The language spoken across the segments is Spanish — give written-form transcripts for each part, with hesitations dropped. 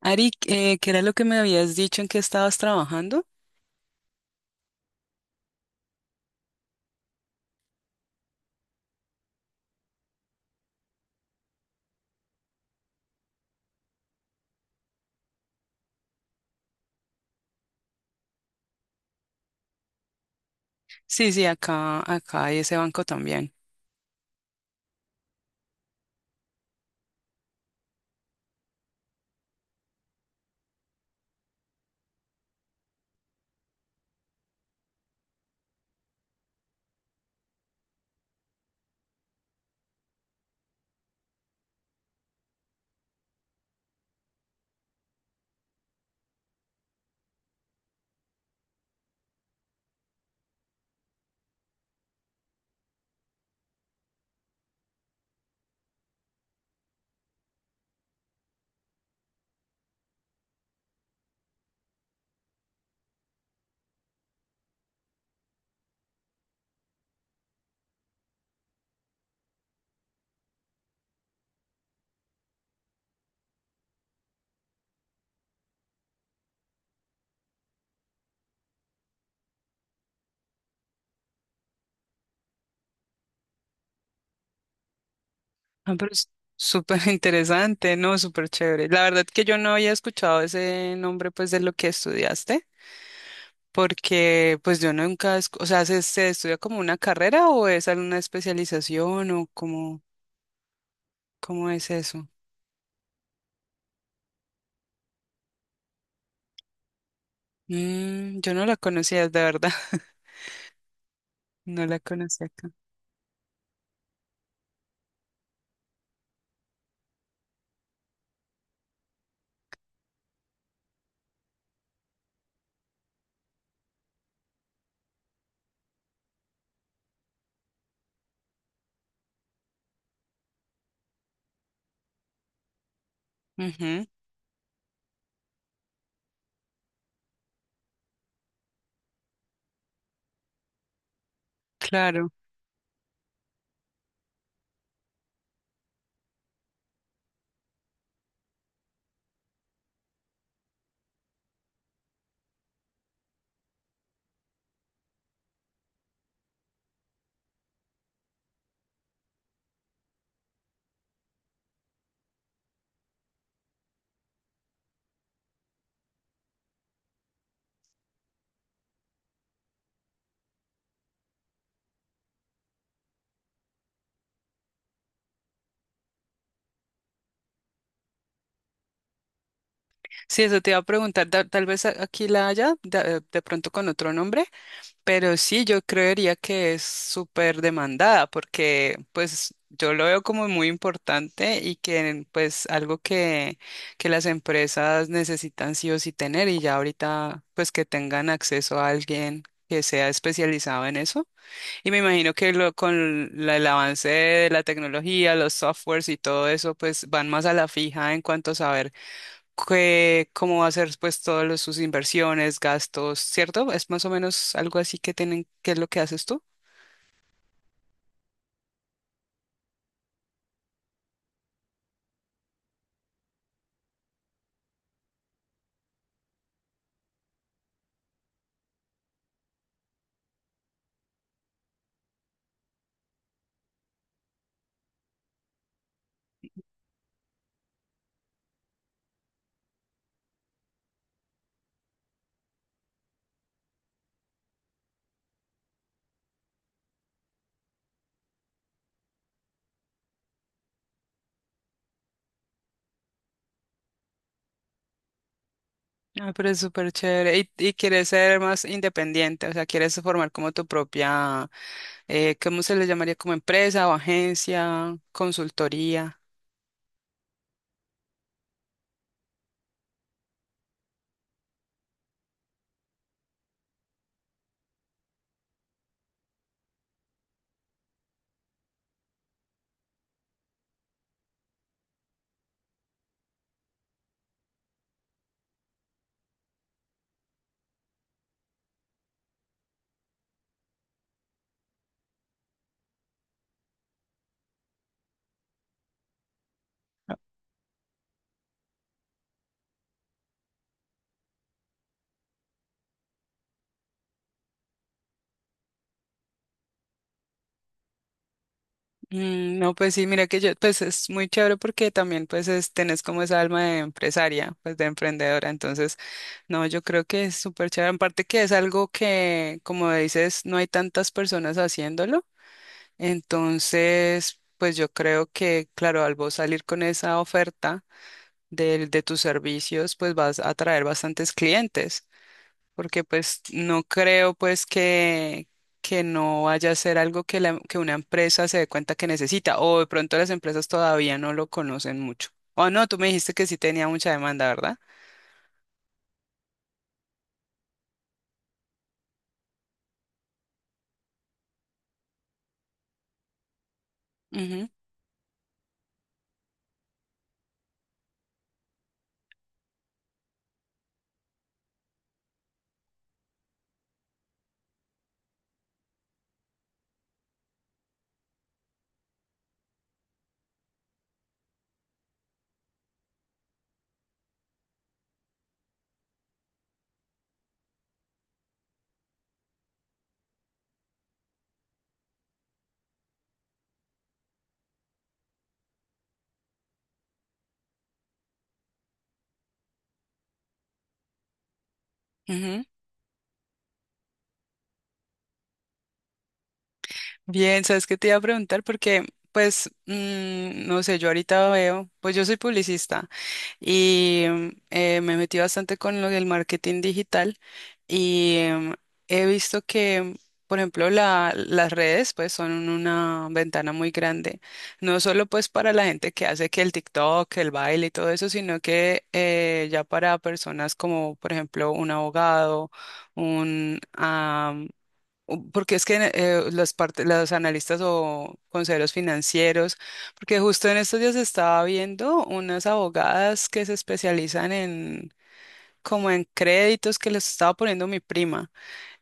Ari, ¿qué era lo que me habías dicho en que estabas trabajando? Sí, sí, acá hay ese banco también. Ah, pero es súper interesante, ¿no? Súper chévere. La verdad que yo no había escuchado ese nombre, pues, de lo que estudiaste, porque, pues, yo nunca, o sea, ¿se estudia como una carrera o es alguna especialización o cómo es eso? Mm, yo no la conocía, de verdad, no la conocía acá. Ujú, claro. Sí, eso te iba a preguntar, tal vez aquí la haya, de pronto con otro nombre, pero sí, yo creería que es súper demandada porque pues yo lo veo como muy importante y que pues algo que las empresas necesitan sí o sí tener y ya ahorita pues que tengan acceso a alguien que sea especializado en eso. Y me imagino que lo, con el avance de la tecnología, los softwares y todo eso, pues van más a la fija en cuanto a saber cómo va a ser pues todas sus inversiones, gastos, ¿cierto? Es más o menos algo así que tienen, ¿qué es lo que haces tú? Ah, pero es súper chévere. Y quieres ser más independiente, o sea, quieres formar como tu propia, ¿cómo se le llamaría? Como empresa o agencia, consultoría. Mm, no, pues sí, mira que yo, pues es muy chévere porque también pues es, tenés como esa alma de empresaria, pues de emprendedora. Entonces, no, yo creo que es súper chévere. En parte que es algo que, como dices, no hay tantas personas haciéndolo. Entonces, pues yo creo que, claro, al vos salir con esa oferta del, de tus servicios, pues vas a atraer bastantes clientes. Porque pues no creo pues que no vaya a ser algo que, la, que una empresa se dé cuenta que necesita. O de pronto las empresas todavía no lo conocen mucho. O no, tú me dijiste que sí tenía mucha demanda, ¿verdad? Ujú, ujú. Bien, ¿sabes qué te iba a preguntar? Porque, pues, mm, no sé, yo ahorita veo, pues yo soy publicista y me metí bastante con lo del marketing digital y he visto que, por ejemplo, las redes, pues, son una ventana muy grande, no solo pues para la gente que hace que el TikTok, el baile y todo eso, sino que ya para personas como, por ejemplo, un abogado, un porque es que las los analistas o consejeros financieros, porque justo en estos días estaba viendo unas abogadas que se especializan en, como en créditos que les estaba poniendo mi prima.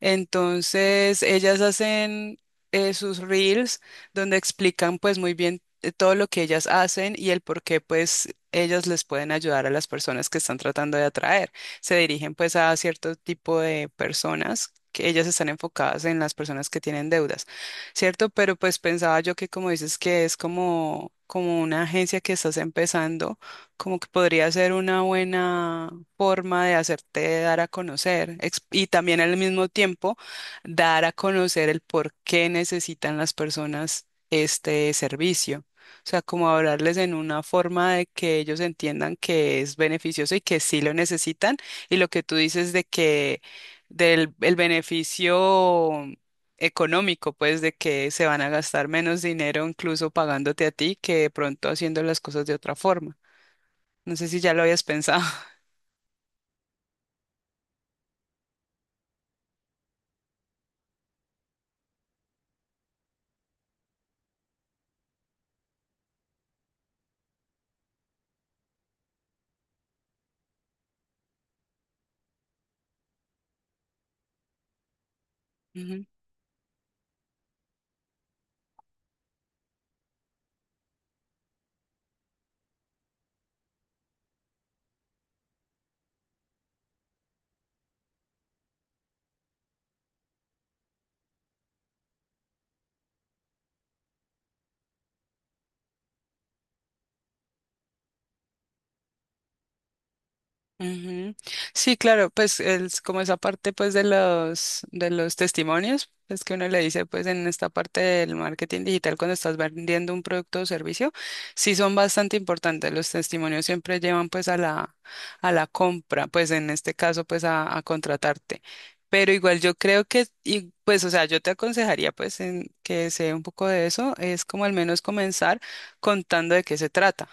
Entonces, ellas hacen sus reels donde explican pues muy bien todo lo que ellas hacen y el por qué pues ellas les pueden ayudar a las personas que están tratando de atraer. Se dirigen pues a cierto tipo de personas, que ellas están enfocadas en las personas que tienen deudas, ¿cierto? Pero pues pensaba yo que como dices que es como, como una agencia que estás empezando, como que podría ser una buena forma de hacerte dar a conocer y también al mismo tiempo dar a conocer el por qué necesitan las personas este servicio. O sea, como hablarles en una forma de que ellos entiendan que es beneficioso y que sí lo necesitan y lo que tú dices de que del el beneficio económico, pues de que se van a gastar menos dinero incluso pagándote a ti que de pronto haciendo las cosas de otra forma. No sé si ya lo habías pensado. Ujú. Ujú. Sí, claro, pues es como esa parte pues de los testimonios, es que uno le dice pues en esta parte del marketing digital cuando estás vendiendo un producto o servicio, sí son bastante importantes. Los testimonios siempre llevan pues a la compra, pues en este caso pues a contratarte. Pero igual yo creo que y pues o sea, yo te aconsejaría pues en que sea un poco de eso, es como al menos comenzar contando de qué se trata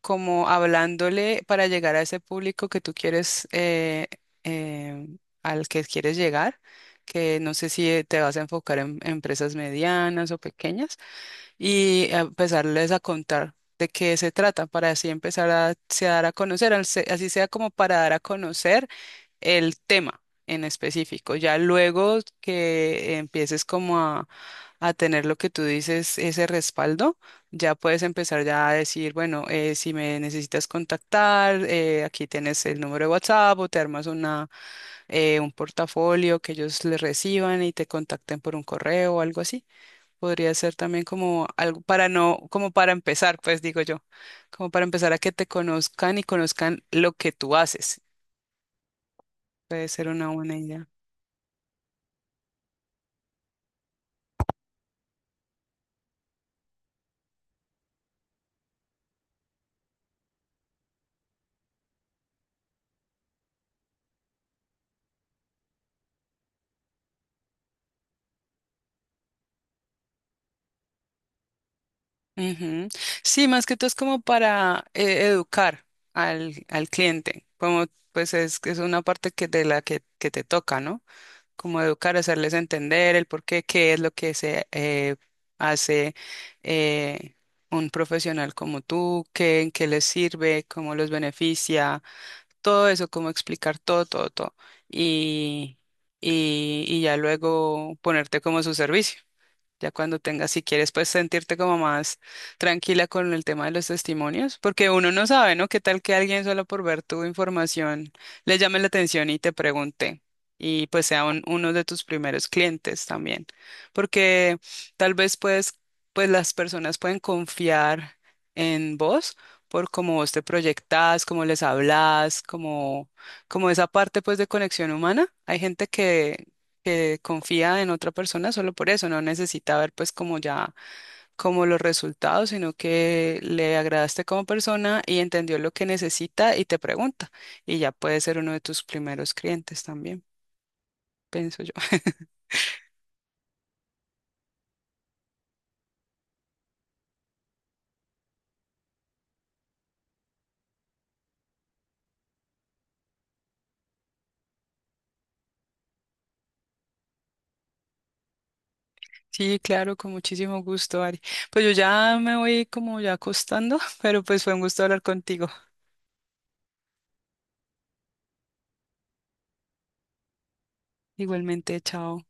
como hablándole para llegar a ese público que tú quieres, eh, al que quieres llegar, que no sé si te vas a enfocar en empresas medianas o pequeñas, y empezarles a contar de qué se trata, para así empezar a se dar a conocer, al así sea como para dar a conocer el tema en específico. Ya luego que empieces como a tener lo que tú dices, ese respaldo, ya puedes empezar ya a decir, bueno, si me necesitas contactar, aquí tienes el número de WhatsApp o te armas una, un portafolio que ellos le reciban y te contacten por un correo o algo así. Podría ser también como algo para no, como para empezar, pues digo yo, como para empezar a que te conozcan y conozcan lo que tú haces. Puede ser una buena idea. Ujú. Sí, más que todo es como para educar al, al cliente, como pues es una parte que de la que te toca, ¿no? Como educar, hacerles entender el por qué, qué es lo que se hace eh, un profesional como tú, qué, en qué les sirve, cómo los beneficia, todo eso, cómo explicar todo, todo, todo. Y, y ya luego ponerte como a su servicio. Ya cuando tengas, si quieres, pues sentirte como más tranquila con el tema de los testimonios, porque uno no sabe, ¿no? ¿Qué tal que alguien solo por ver tu información le llame la atención y te pregunte? Y pues sea un- uno de tus primeros clientes también, porque tal vez pues, pues las personas pueden confiar en vos por cómo vos te proyectás, cómo les hablas, como, como esa parte pues de conexión humana. Hay gente que confía en otra persona solo por eso, no necesita ver pues como ya como los resultados, sino que le agradaste como persona y entendió lo que necesita y te pregunta y ya puede ser uno de tus primeros clientes también, pienso yo. Sí, claro, con muchísimo gusto, Ari. Pues yo ya me voy como ya acostando, pero pues fue un gusto hablar contigo. Igualmente, chao.